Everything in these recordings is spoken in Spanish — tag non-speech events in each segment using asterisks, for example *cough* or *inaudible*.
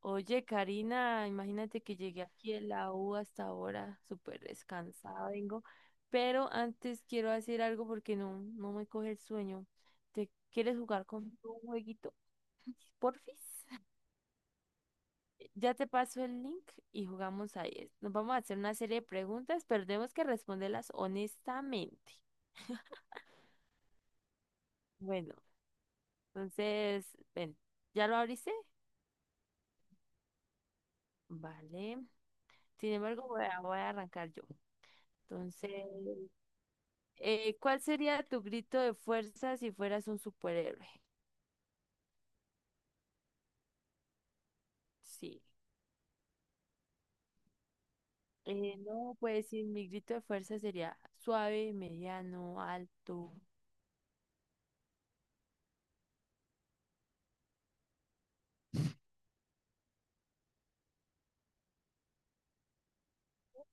Oye, Karina, imagínate que llegué aquí de la U hasta ahora, súper descansada vengo, pero antes quiero hacer algo porque no, no me coge el sueño. ¿Te quieres jugar con un jueguito? Porfis. *laughs* Ya te paso el link y jugamos ahí. Nos vamos a hacer una serie de preguntas, pero tenemos que responderlas honestamente. Bueno, entonces, ven, ¿ya lo abriste? Vale. Sin embargo, voy a arrancar yo. Entonces, ¿cuál sería tu grito de fuerza si fueras un superhéroe? Sí. No, pues sí, mi grito de fuerza sería suave, mediano, alto.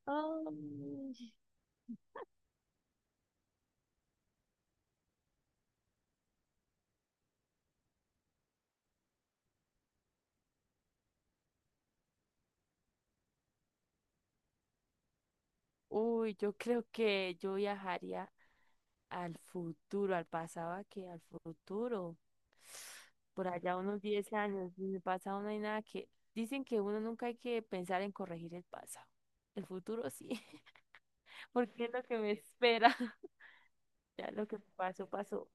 Ay. Uy, yo creo que yo viajaría al futuro, al pasado, ¿a qué? Al futuro. Por allá unos 10 años. En el pasado no hay nada que. Dicen que uno nunca hay que pensar en corregir el pasado. El futuro sí, *laughs* porque es lo que me espera. *laughs* Ya lo que pasó, pasó.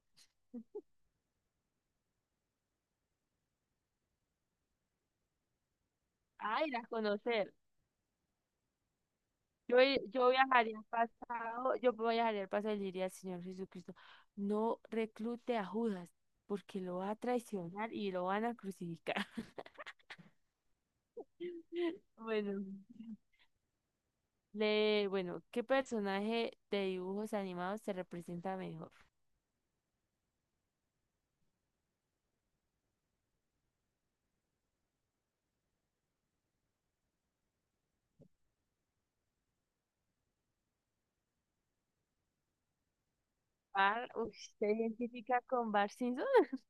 Ah, ir a conocer. Yo, i- yo viajaría al pasado, yo viajaría al pasado y le diría al Señor Jesucristo, no reclute a Judas, porque lo va a traicionar y lo van a crucificar. *laughs* Bueno, ¿qué personaje de dibujos animados se representa mejor? Bar, uy, ¿se identifica con Bar Simpson? *laughs*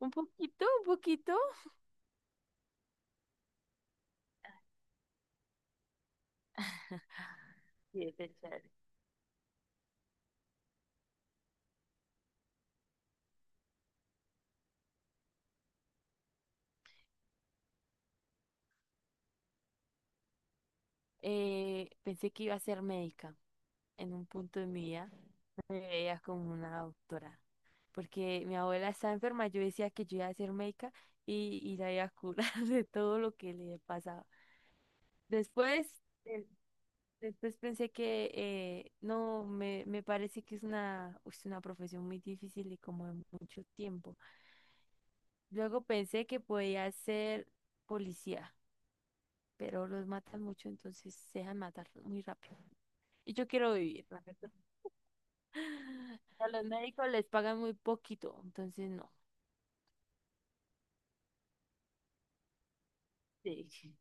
Un poquito, un poquito. *laughs* Sí, es el chévere. Pensé que iba a ser médica en un punto de mi vida. Me veía como una doctora, porque mi abuela estaba enferma, yo decía que yo iba a ser médica y la iba a curar *laughs* de todo lo que le pasaba. Después, eh, después pensé que no, me parece que es una profesión muy difícil y como de mucho tiempo. Luego pensé que podía ser policía, pero los matan mucho, entonces se dejan matar muy rápido. Y yo quiero vivir. A los médicos les pagan muy poquito, entonces no. Sí.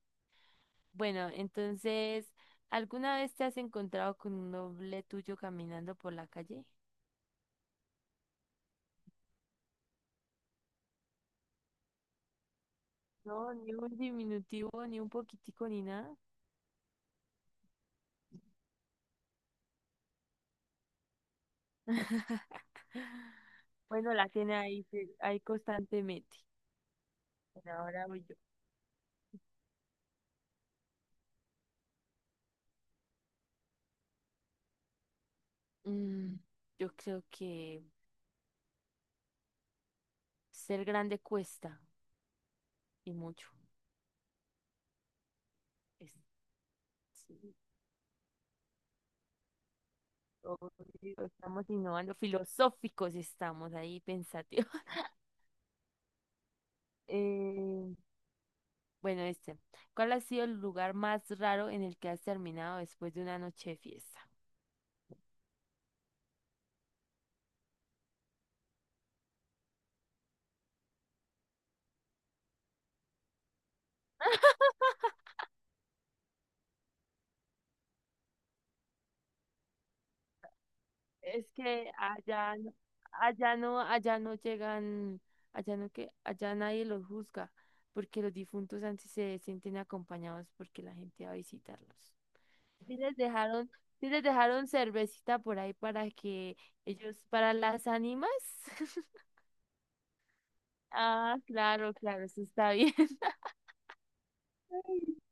Bueno, entonces, ¿alguna vez te has encontrado con un doble tuyo caminando por la calle? No, ni un diminutivo, ni un poquitico, ni nada. *laughs* Bueno, la tiene ahí, sí, ahí constantemente. Bueno, ahora voy yo. Mm, yo creo que ser grande cuesta y mucho. Es- sí, obvio, estamos innovando, filosóficos estamos ahí, pensate. Eh, bueno, este. ¿Cuál ha sido el lugar más raro en el que has terminado después de una noche de fiesta? Es que allá, allá no llegan, allá no que, allá nadie los juzga, porque los difuntos antes se sienten acompañados porque la gente va a visitarlos. Sí les dejaron, sí les dejaron cervecita por ahí para que ellos, para las ánimas. *laughs* Ah, claro, claro, eso está bien. *laughs*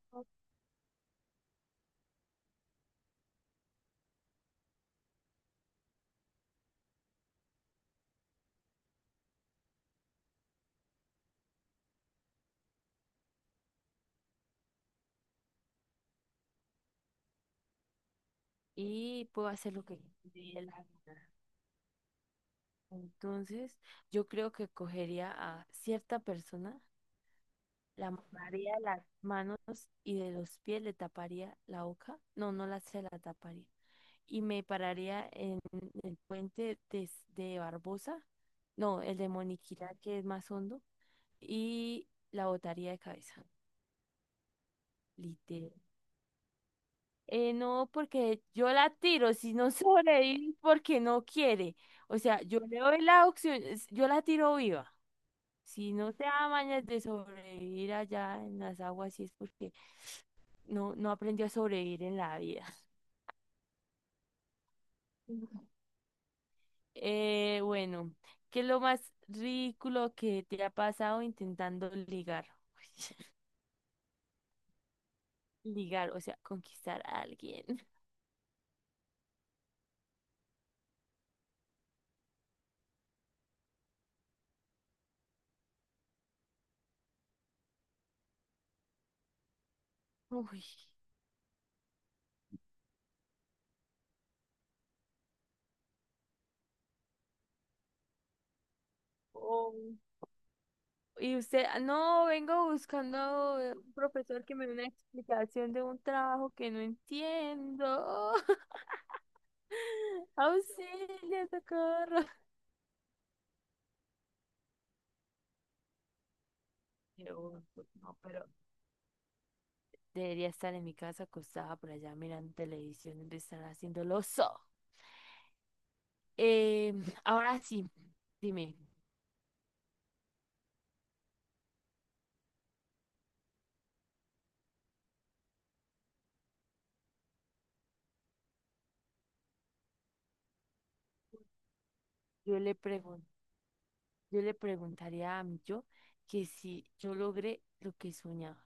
Y puedo hacer lo que me. Entonces, yo creo que cogería a cierta persona, la amarraría de las manos y de los pies, le taparía la boca, no, no la se la taparía, y me pararía en el puente de Barbosa, no, el de Moniquirá, que es más hondo, y la botaría de cabeza, literal. No, porque yo la tiro, si no *laughs* sobrevive, porque no quiere. O sea, yo le doy la opción, yo la tiro viva. Si no te da mañas de sobrevivir allá en las aguas, sí es porque no, no aprendió a sobrevivir en la vida. *laughs* Bueno, ¿qué es lo más ridículo que te ha pasado intentando ligar? *laughs* Ligar, o sea, conquistar a alguien. Uy. Oh. Y usted, "Ah, no, vengo buscando un profesor que me dé una explicación de un trabajo que no entiendo." *laughs* Auxilio, socorro. Pero, pues, no, pero debería estar en mi casa acostada por allá mirando televisión, donde estar haciendo lo so. Eh, ahora sí, dime, yo le pregun- yo le preguntaría a mi yo que si yo logré lo que soñaba.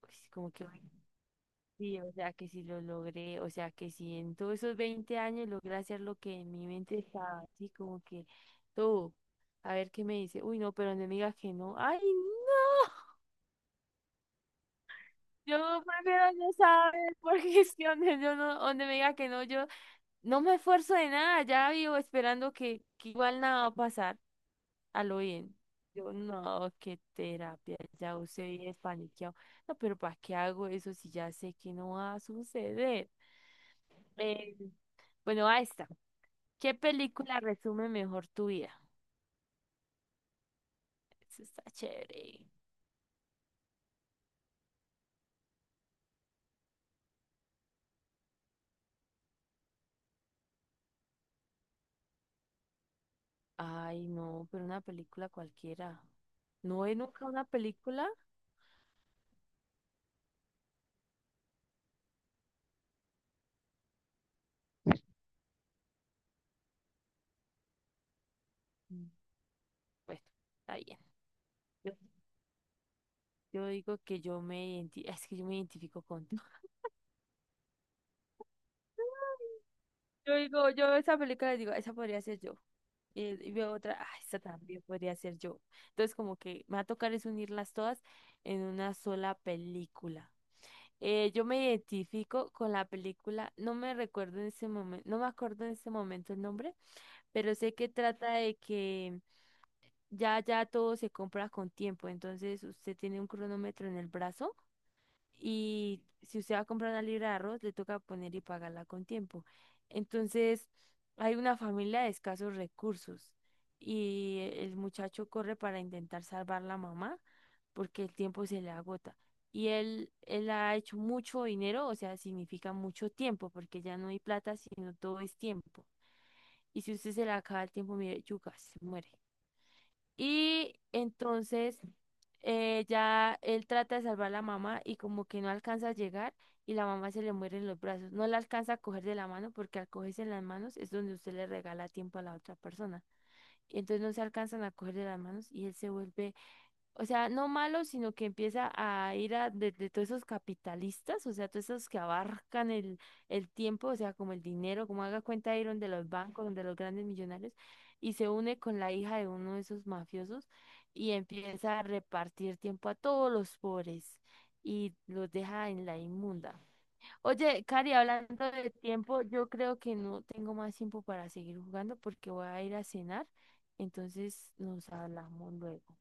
Pues como que, ay, sí, o sea, que si lo logré, o sea, que si en todos esos 20 años logré hacer lo que en mi mente estaba, así como que todo. A ver qué me dice. Uy, no, pero no me diga que no. Ay, no. Yo prefiero no saber *laughs* porque es que yo no, donde me diga que no, yo no me esfuerzo de nada, ya vivo esperando que igual nada va a pasar a lo bien. Yo no, qué terapia, ya usted viene paniqueado. No, pero ¿para qué hago eso si ya sé que no va a suceder? Eh, bueno, ahí está. ¿Qué película resume mejor tu vida? Eso está chévere. Ay, no, pero una película cualquiera. ¿No ve nunca una película? Mm, Bueno, está bien. Yo digo que es que yo me identifico con todo. *laughs* Yo digo, yo veo esa película y digo, esa podría ser yo. Y, y veo otra, ah, esa también podría ser yo. Entonces, como que me va a tocar es unirlas todas en una sola película. Yo me identifico con la película, no me recuerdo en ese momento, no me acuerdo en ese momento el nombre, pero sé que trata de que ya, ya todo se compra con tiempo. Entonces, usted tiene un cronómetro en el brazo y si usted va a comprar una libra de arroz, le toca poner y pagarla con tiempo. Entonces, hay una familia de escasos recursos y el muchacho corre para intentar salvar la mamá porque el tiempo se le agota. Y él ha hecho mucho dinero, o sea, significa mucho tiempo, porque ya no hay plata, sino todo es tiempo. Y si usted se le acaba el tiempo, mire, yuca, se muere. Y entonces ya él trata de salvar a la mamá y como que no alcanza a llegar y la mamá se le muere en los brazos. No la alcanza a coger de la mano porque al cogerse en las manos es donde usted le regala tiempo a la otra persona. Y entonces no se alcanzan a coger de las manos y él se vuelve, o sea, no malo, sino que empieza a ir a de todos esos capitalistas, o sea, todos esos que abarcan el tiempo, o sea, como el dinero, como haga cuenta Iron de los bancos, donde los grandes millonarios, y se une con la hija de uno de esos mafiosos y empieza a repartir tiempo a todos los pobres y los deja en la inmunda. Oye, Cari, hablando de tiempo, yo creo que no tengo más tiempo para seguir jugando porque voy a ir a cenar, entonces nos hablamos luego.